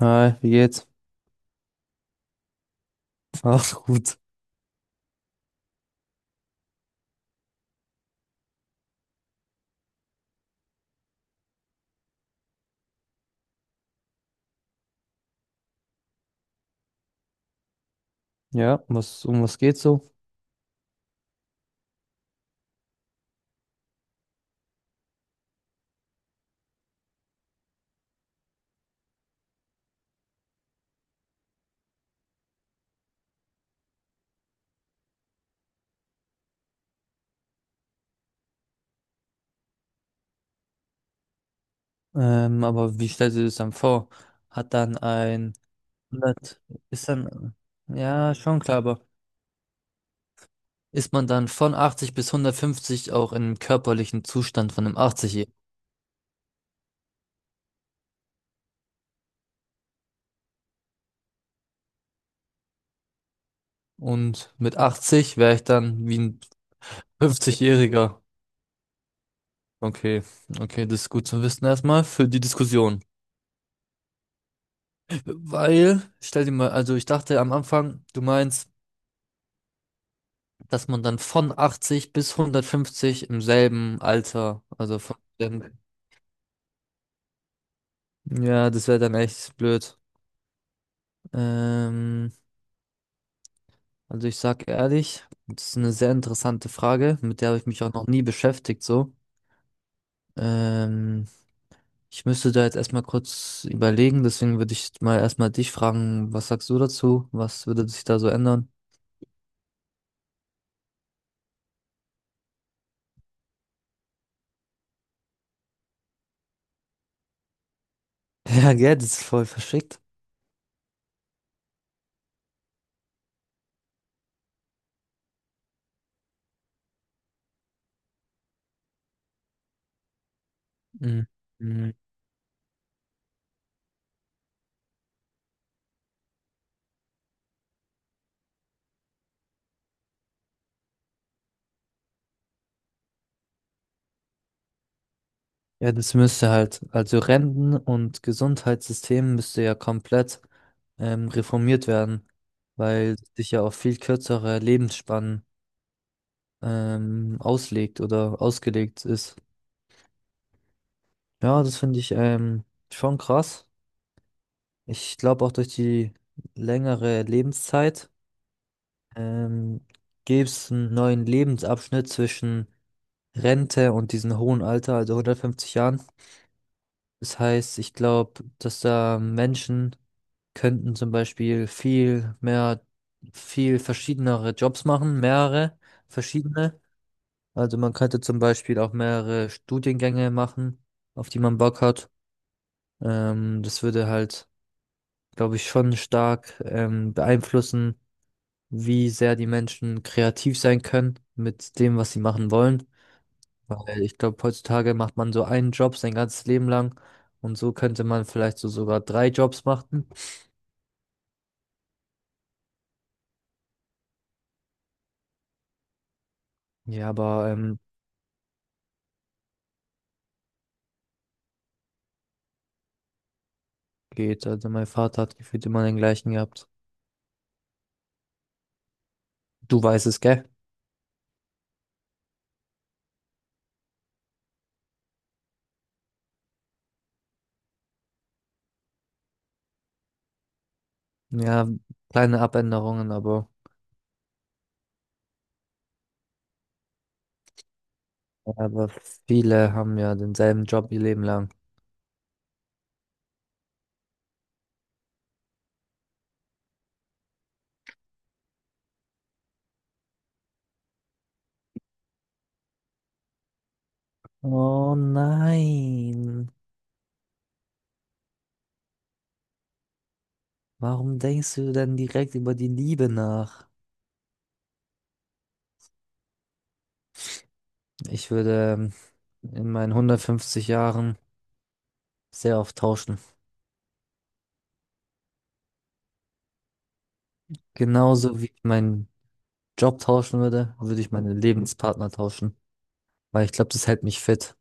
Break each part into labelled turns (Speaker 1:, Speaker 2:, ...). Speaker 1: Hi, wie geht's? Ach gut. Ja, um was geht's so? Aber wie stellst du dir das dann vor? Hat dann ein 100, ist dann, ja, schon klar, aber ist man dann von 80 bis 150 auch im körperlichen Zustand von einem 80-Jährigen? Und mit 80 wäre ich dann wie ein 50-Jähriger. Okay, okay, das ist gut zu wissen erstmal für die Diskussion. Weil, stell dir mal, also ich dachte am Anfang, du meinst, dass man dann von 80 bis 150 im selben Alter, also von dem, ja, das wäre dann echt blöd. Ähm, also ich sag ehrlich, das ist eine sehr interessante Frage, mit der habe ich mich auch noch nie beschäftigt, so. Ähm, ich müsste da jetzt erstmal kurz überlegen, deswegen würde ich mal erstmal dich fragen, was sagst du dazu? Was würde sich da so ändern? Ja, gell, das ist voll verschickt. Mhm. Ja, das müsste halt, also Renten- und Gesundheitssystem müsste ja komplett reformiert werden, weil sich ja auf viel kürzere Lebensspannen auslegt oder ausgelegt ist. Ja, das finde ich schon krass. Ich glaube auch durch die längere Lebenszeit ähm, gäbe es einen neuen Lebensabschnitt zwischen Rente und diesem hohen Alter, also 150 Jahren. Das heißt, ich glaube, dass da Menschen könnten zum Beispiel viel mehr, viel verschiedenere Jobs machen, mehrere verschiedene. Also man könnte zum Beispiel auch mehrere Studiengänge machen, auf die man Bock hat. Das würde halt, glaube ich, schon stark beeinflussen, wie sehr die Menschen kreativ sein können mit dem, was sie machen wollen. Weil ich glaube, heutzutage macht man so einen Job sein ganzes Leben lang und so könnte man vielleicht so sogar 3 Jobs machen. Ja, aber geht, also mein Vater hat gefühlt immer den gleichen gehabt. Du weißt es, gell? Ja, kleine Abänderungen, aber viele haben ja denselben Job ihr Leben lang. Oh nein, warum denkst du denn direkt über die Liebe nach? Ich würde in meinen 150 Jahren sehr oft tauschen. Genauso wie ich meinen Job tauschen würde, würde ich meine Lebenspartner tauschen, weil ich glaube, das hält mich fit.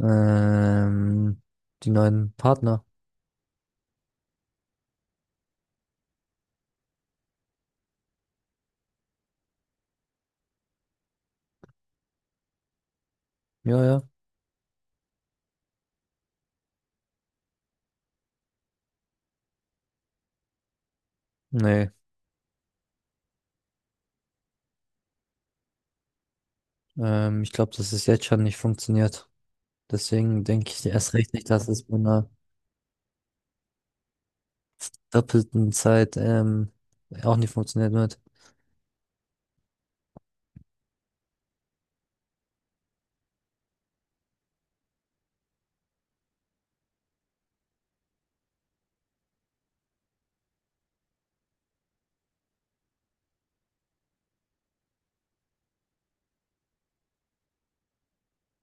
Speaker 1: Ähm, Die neuen Partner. Ja, ja. Nee. Ich glaube, dass es jetzt schon nicht funktioniert. Deswegen denke ich erst recht nicht, dass es bei einer doppelten Zeit auch nicht funktionieren wird.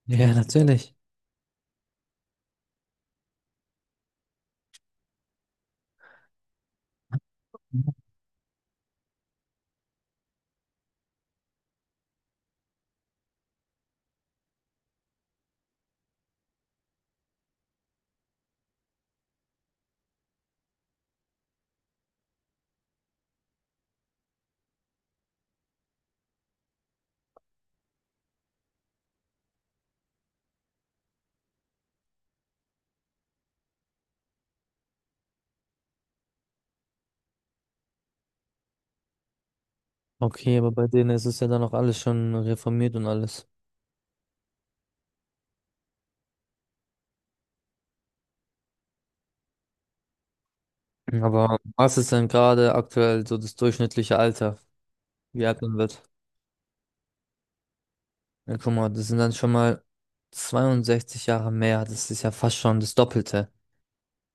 Speaker 1: Ja, natürlich. Okay, aber bei denen ist es ja dann auch alles schon reformiert und alles. Aber was ist denn gerade aktuell so das durchschnittliche Alter, wie alt man wird? Ja, guck mal, das sind dann schon mal 62 Jahre mehr. Das ist ja fast schon das Doppelte.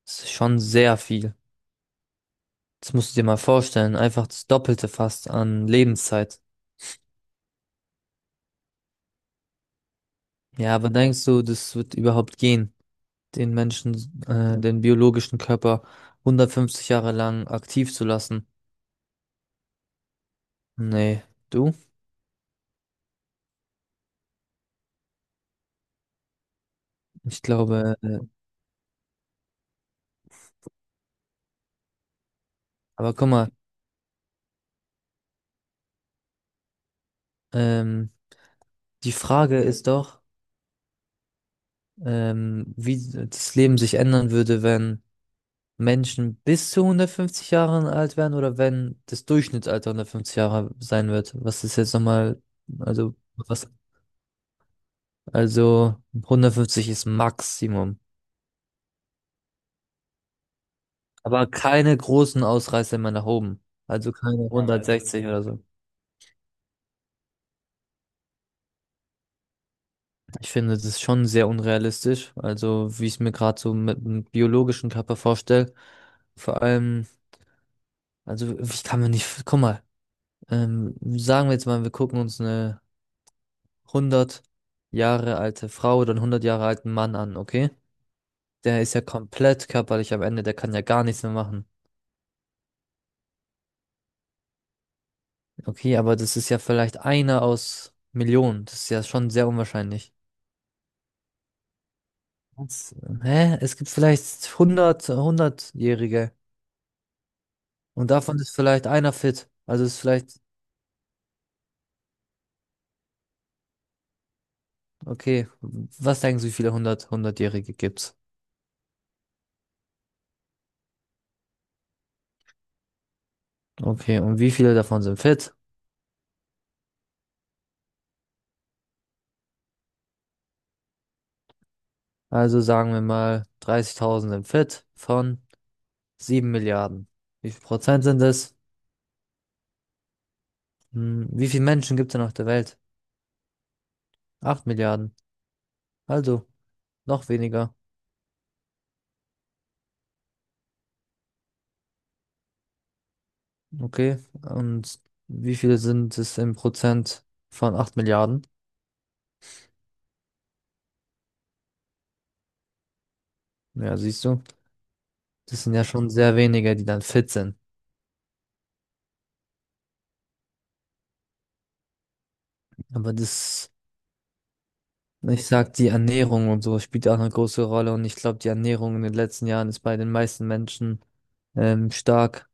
Speaker 1: Das ist schon sehr viel. Das musst du dir mal vorstellen. Einfach das Doppelte fast an Lebenszeit. Ja, aber denkst du, das wird überhaupt gehen, den Menschen, den biologischen Körper 150 Jahre lang aktiv zu lassen? Nee, du? Ich glaube, äh, aber guck mal, ähm, die Frage ist doch, wie das Leben sich ändern würde, wenn Menschen bis zu 150 Jahren alt wären oder wenn das Durchschnittsalter 150 Jahre sein wird. Was ist jetzt nochmal, also, was, also 150 ist Maximum. Aber keine großen Ausreißer mehr nach oben. Also keine, ja, 160 oder so. Ich finde, das ist schon sehr unrealistisch. Also, wie ich es mir gerade so mit dem biologischen Körper vorstelle. Vor allem, also, ich kann mir nicht, guck mal, sagen wir jetzt mal, wir gucken uns eine 100 Jahre alte Frau oder einen 100 Jahre alten Mann an, okay? Der ist ja komplett körperlich am Ende, der kann ja gar nichts mehr machen. Okay, aber das ist ja vielleicht einer aus Millionen. Das ist ja schon sehr unwahrscheinlich. Was? Hä? Es gibt vielleicht 100, 100-Jährige und davon ist vielleicht einer fit. Also ist vielleicht, okay, was denken Sie, wie viele 100, 100-Jährige gibt's? Okay, und wie viele davon sind fit? Also sagen wir mal, 30.000 sind fit von 7 Milliarden. Wie viel Prozent sind es? Hm, wie viele Menschen gibt's denn auf der Welt? 8 Milliarden. Also noch weniger. Okay, und wie viele sind es im Prozent von 8 Milliarden? Ja, siehst du. Das sind ja schon sehr wenige, die dann fit sind. Aber das, ich sag, die Ernährung und so spielt ja auch eine große Rolle. Und ich glaube, die Ernährung in den letzten Jahren ist bei den meisten Menschen stark,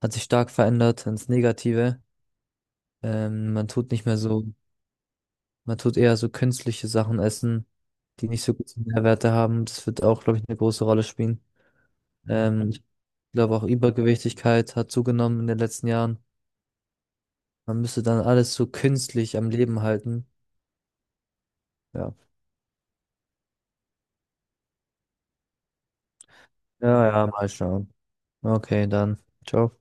Speaker 1: hat sich stark verändert ins Negative. Man tut nicht mehr so, man tut eher so künstliche Sachen essen, die nicht so gute Nährwerte haben. Das wird auch, glaube ich, eine große Rolle spielen. Ich glaube auch Übergewichtigkeit hat zugenommen in den letzten Jahren. Man müsste dann alles so künstlich am Leben halten. Ja. Ja, ja, mal schauen. Okay, dann. Ciao.